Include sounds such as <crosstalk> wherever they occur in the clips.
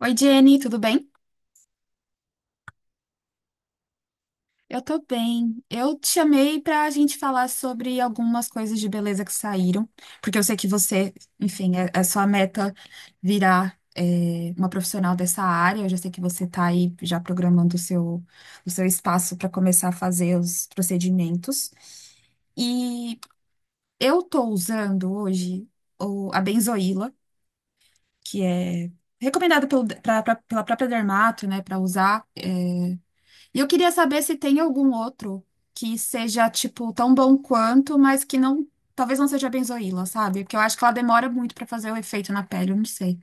Oi, Jenny, tudo bem? Eu tô bem. Eu te chamei pra gente falar sobre algumas coisas de beleza que saíram, porque eu sei que você, enfim, é sua meta virar uma profissional dessa área. Eu já sei que você tá aí já programando o seu espaço para começar a fazer os procedimentos. E eu tô usando hoje a benzoíla, que é recomendada pela própria dermato, né, para usar. E eu queria saber se tem algum outro que seja, tipo, tão bom quanto, mas que não, talvez não seja benzoíla, sabe? Porque eu acho que ela demora muito pra fazer o efeito na pele, eu não sei.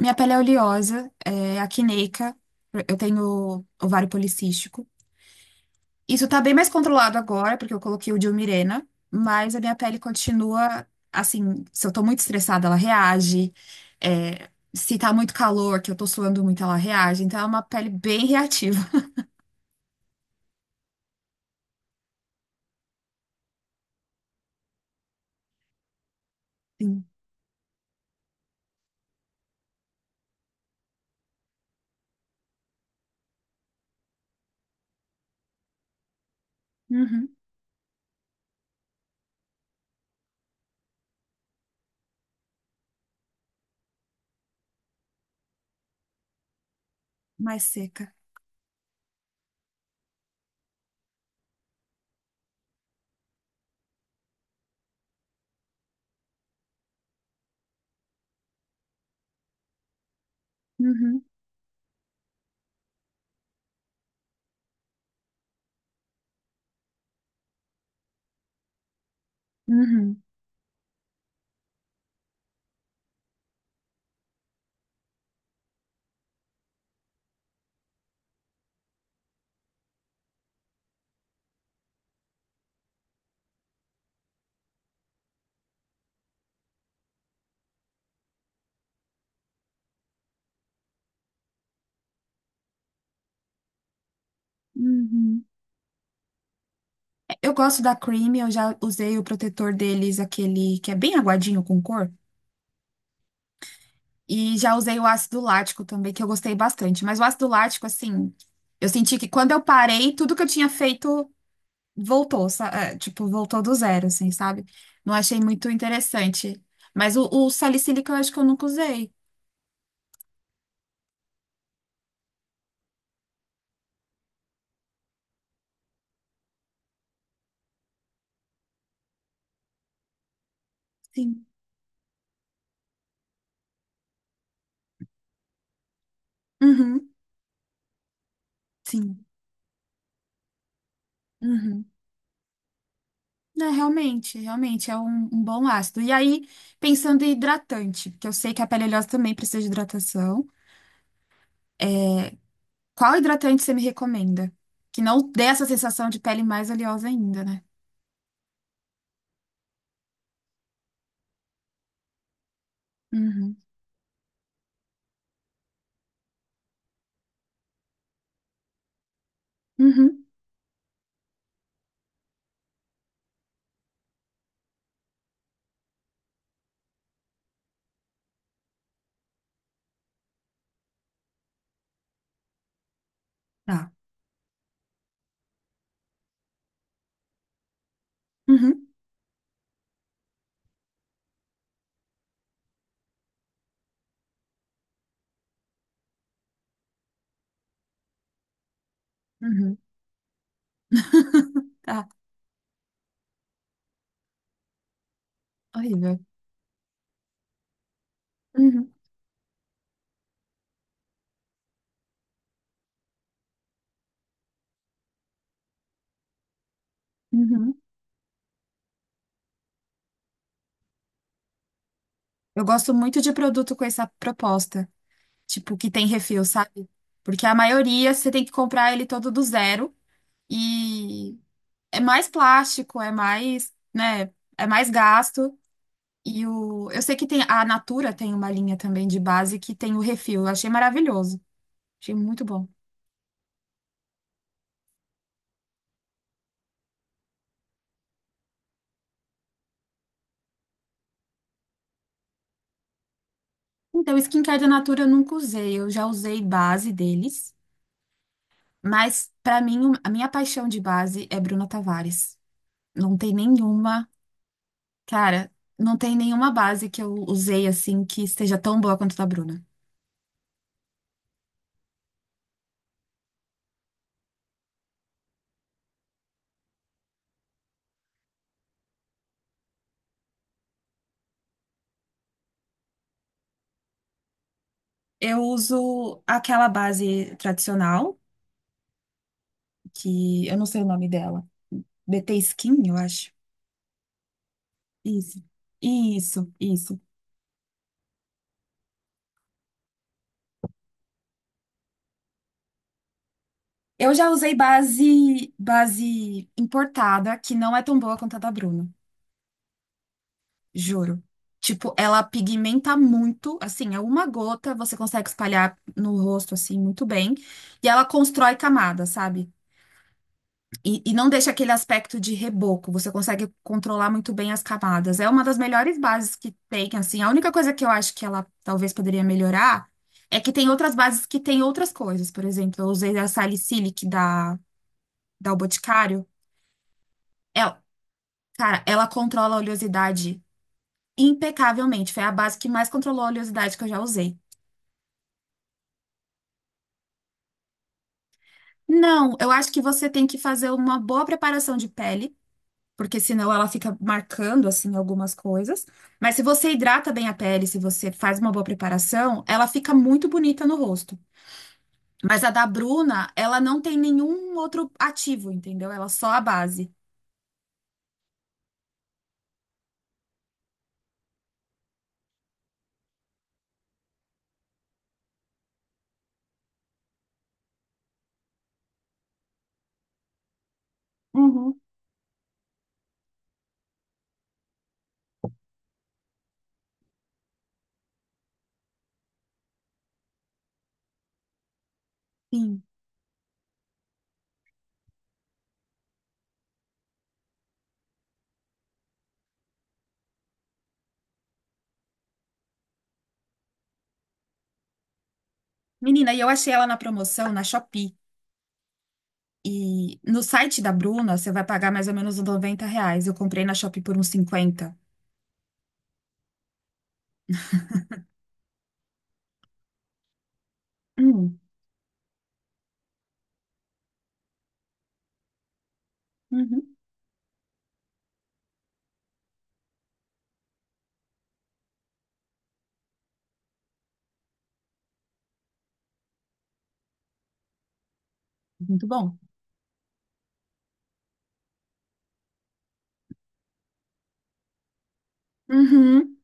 Minha pele é oleosa, é acneica, eu tenho ovário policístico. Isso tá bem mais controlado agora, porque eu coloquei o Dilmirena, mas a minha pele continua, assim, se eu tô muito estressada, ela reage. É, se tá muito calor, que eu tô suando muito, ela reage. Então é uma pele bem reativa. <laughs> Sim. Uhum. Mais seca. Uhum, uhum, uhum. Eu gosto da Cream, eu já usei o protetor deles, aquele que é bem aguadinho com cor, e já usei o ácido lático também, que eu gostei bastante. Mas o ácido lático, assim, eu senti que quando eu parei, tudo que eu tinha feito voltou, tipo, voltou do zero, assim, sabe? Não achei muito interessante. Mas o salicílico eu acho que eu nunca usei. Sim. Uhum, sim. Uhum. É, realmente, realmente é um bom ácido. E aí, pensando em hidratante, porque eu sei que a pele oleosa também precisa de hidratação. Qual hidratante você me recomenda? Que não dê essa sensação de pele mais oleosa ainda, né? Uhum. Uhum. Tá. Uhum. Uhum. <laughs> Tá. Horrível. Uhum. Uhum. Eu gosto muito de produto com essa proposta, tipo, que tem refil, sabe? Porque a maioria você tem que comprar ele todo do zero. E é mais plástico, é mais, né, é mais gasto. E eu sei que tem a Natura tem uma linha também de base que tem o refil. Eu achei maravilhoso. Achei muito bom. Então, o skincare da Natura eu nunca usei. Eu já usei base deles, mas pra mim a minha paixão de base é Bruna Tavares. Não tem nenhuma, cara, não tem nenhuma base que eu usei assim que esteja tão boa quanto da Bruna. Eu uso aquela base tradicional, que eu não sei o nome dela. BT Skin, eu acho. Isso. Isso, isso. Eu já usei base importada, que não é tão boa quanto a da Bruna, juro. Tipo, ela pigmenta muito, assim, é uma gota, você consegue espalhar no rosto assim muito bem, e ela constrói camada, sabe? E não deixa aquele aspecto de reboco, você consegue controlar muito bem as camadas. É uma das melhores bases que tem, assim. A única coisa que eu acho que ela talvez poderia melhorar é que tem outras bases que tem outras coisas. Por exemplo, eu usei a Salicylic da O Boticário. Ela, cara, ela controla a oleosidade impecavelmente. Foi a base que mais controlou a oleosidade que eu já usei. Não, eu acho que você tem que fazer uma boa preparação de pele, porque senão ela fica marcando assim algumas coisas. Mas se você hidrata bem a pele, se você faz uma boa preparação, ela fica muito bonita no rosto. Mas a da Bruna, ela não tem nenhum outro ativo, entendeu? Ela só a base. Uhum. Sim. Menina, e eu achei ela na promoção na Shopee. E no site da Bruna, você vai pagar mais ou menos uns 90 reais. Eu comprei na Shopee por uns 50. Hum, uhum, muito bom. Uhum,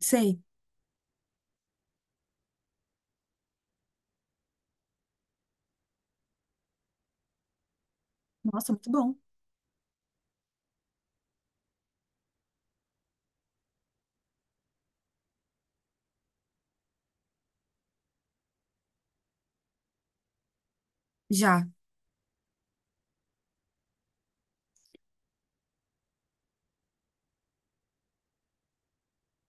sei. Nossa, muito bom. Já.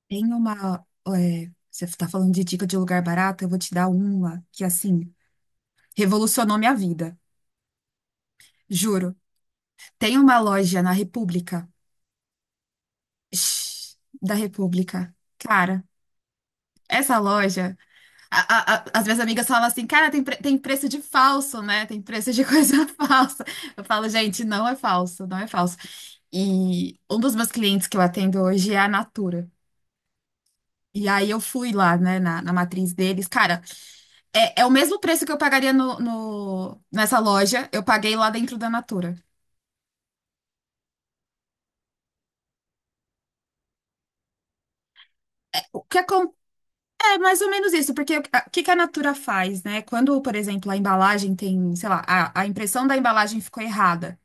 Você está falando de dica de lugar barato, eu vou te dar uma que, assim, revolucionou minha vida. Juro. Tem uma loja na República. Shhh, da República. Cara, essa loja. a- As minhas amigas falavam assim, cara, tem preço de falso, né? Tem preço de <laughs> coisa falsa. Eu falo, gente, não é falso, não é falso. E um dos meus clientes que eu atendo hoje é a Natura. E aí eu fui lá, né, na matriz deles. Cara, é o mesmo preço que eu pagaria nessa loja, eu paguei lá dentro da Natura. O que acon- É, mais ou menos isso, porque o que que a Natura faz, né? Quando, por exemplo, a embalagem tem, sei lá, a impressão da embalagem ficou errada.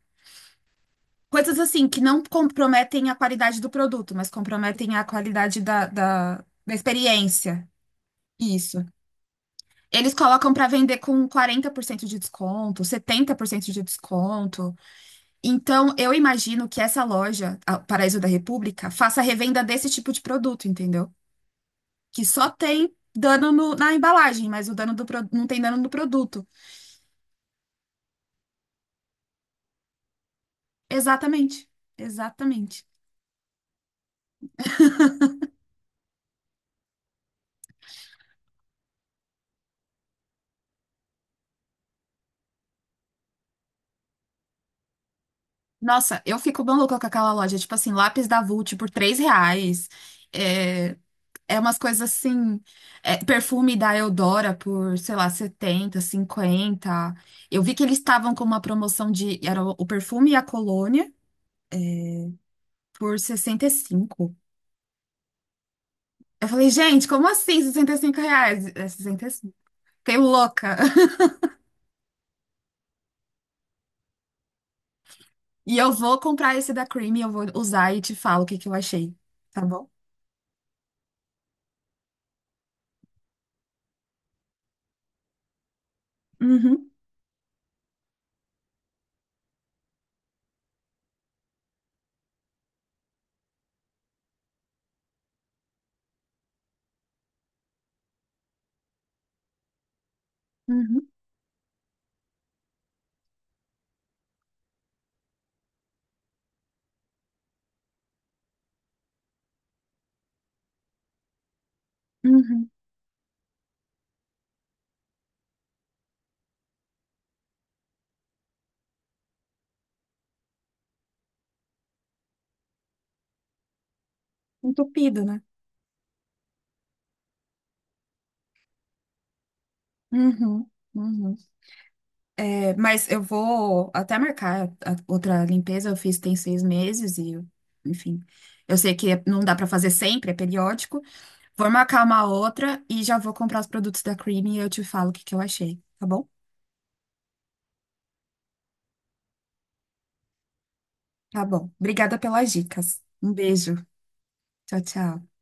Coisas assim que não comprometem a qualidade do produto, mas comprometem a qualidade da experiência. Isso. Eles colocam para vender com 40% de desconto, 70% de desconto. Então, eu imagino que essa loja, a Paraíso da República, faça revenda desse tipo de produto, entendeu? Que só tem dano na embalagem, mas o dano do, pro- não tem dano no produto. Exatamente. Exatamente. Nossa, eu fico maluca com aquela loja. Tipo assim, lápis da Vult por 3 reais. É, é umas coisas assim. Perfume da Eudora por, sei lá, 70, 50. Eu vi que eles estavam com uma promoção de, era o perfume e a colônia por 65. Eu falei, gente, como assim 65 reais? É 65. Fiquei louca. <laughs> E eu vou comprar esse da Creamy, eu vou usar e te falo o que que eu achei, tá bom? Uhum, uhum, uhum. Entupido, né? Uhum, uhum. É, mas eu vou até marcar a outra limpeza, eu fiz tem 6 meses e, enfim, eu sei que não dá pra fazer sempre, é periódico. Vou marcar uma outra e já vou comprar os produtos da Creamy e eu te falo o que que eu achei, tá bom? Tá bom. Obrigada pelas dicas. Um beijo. Tchau, tchau.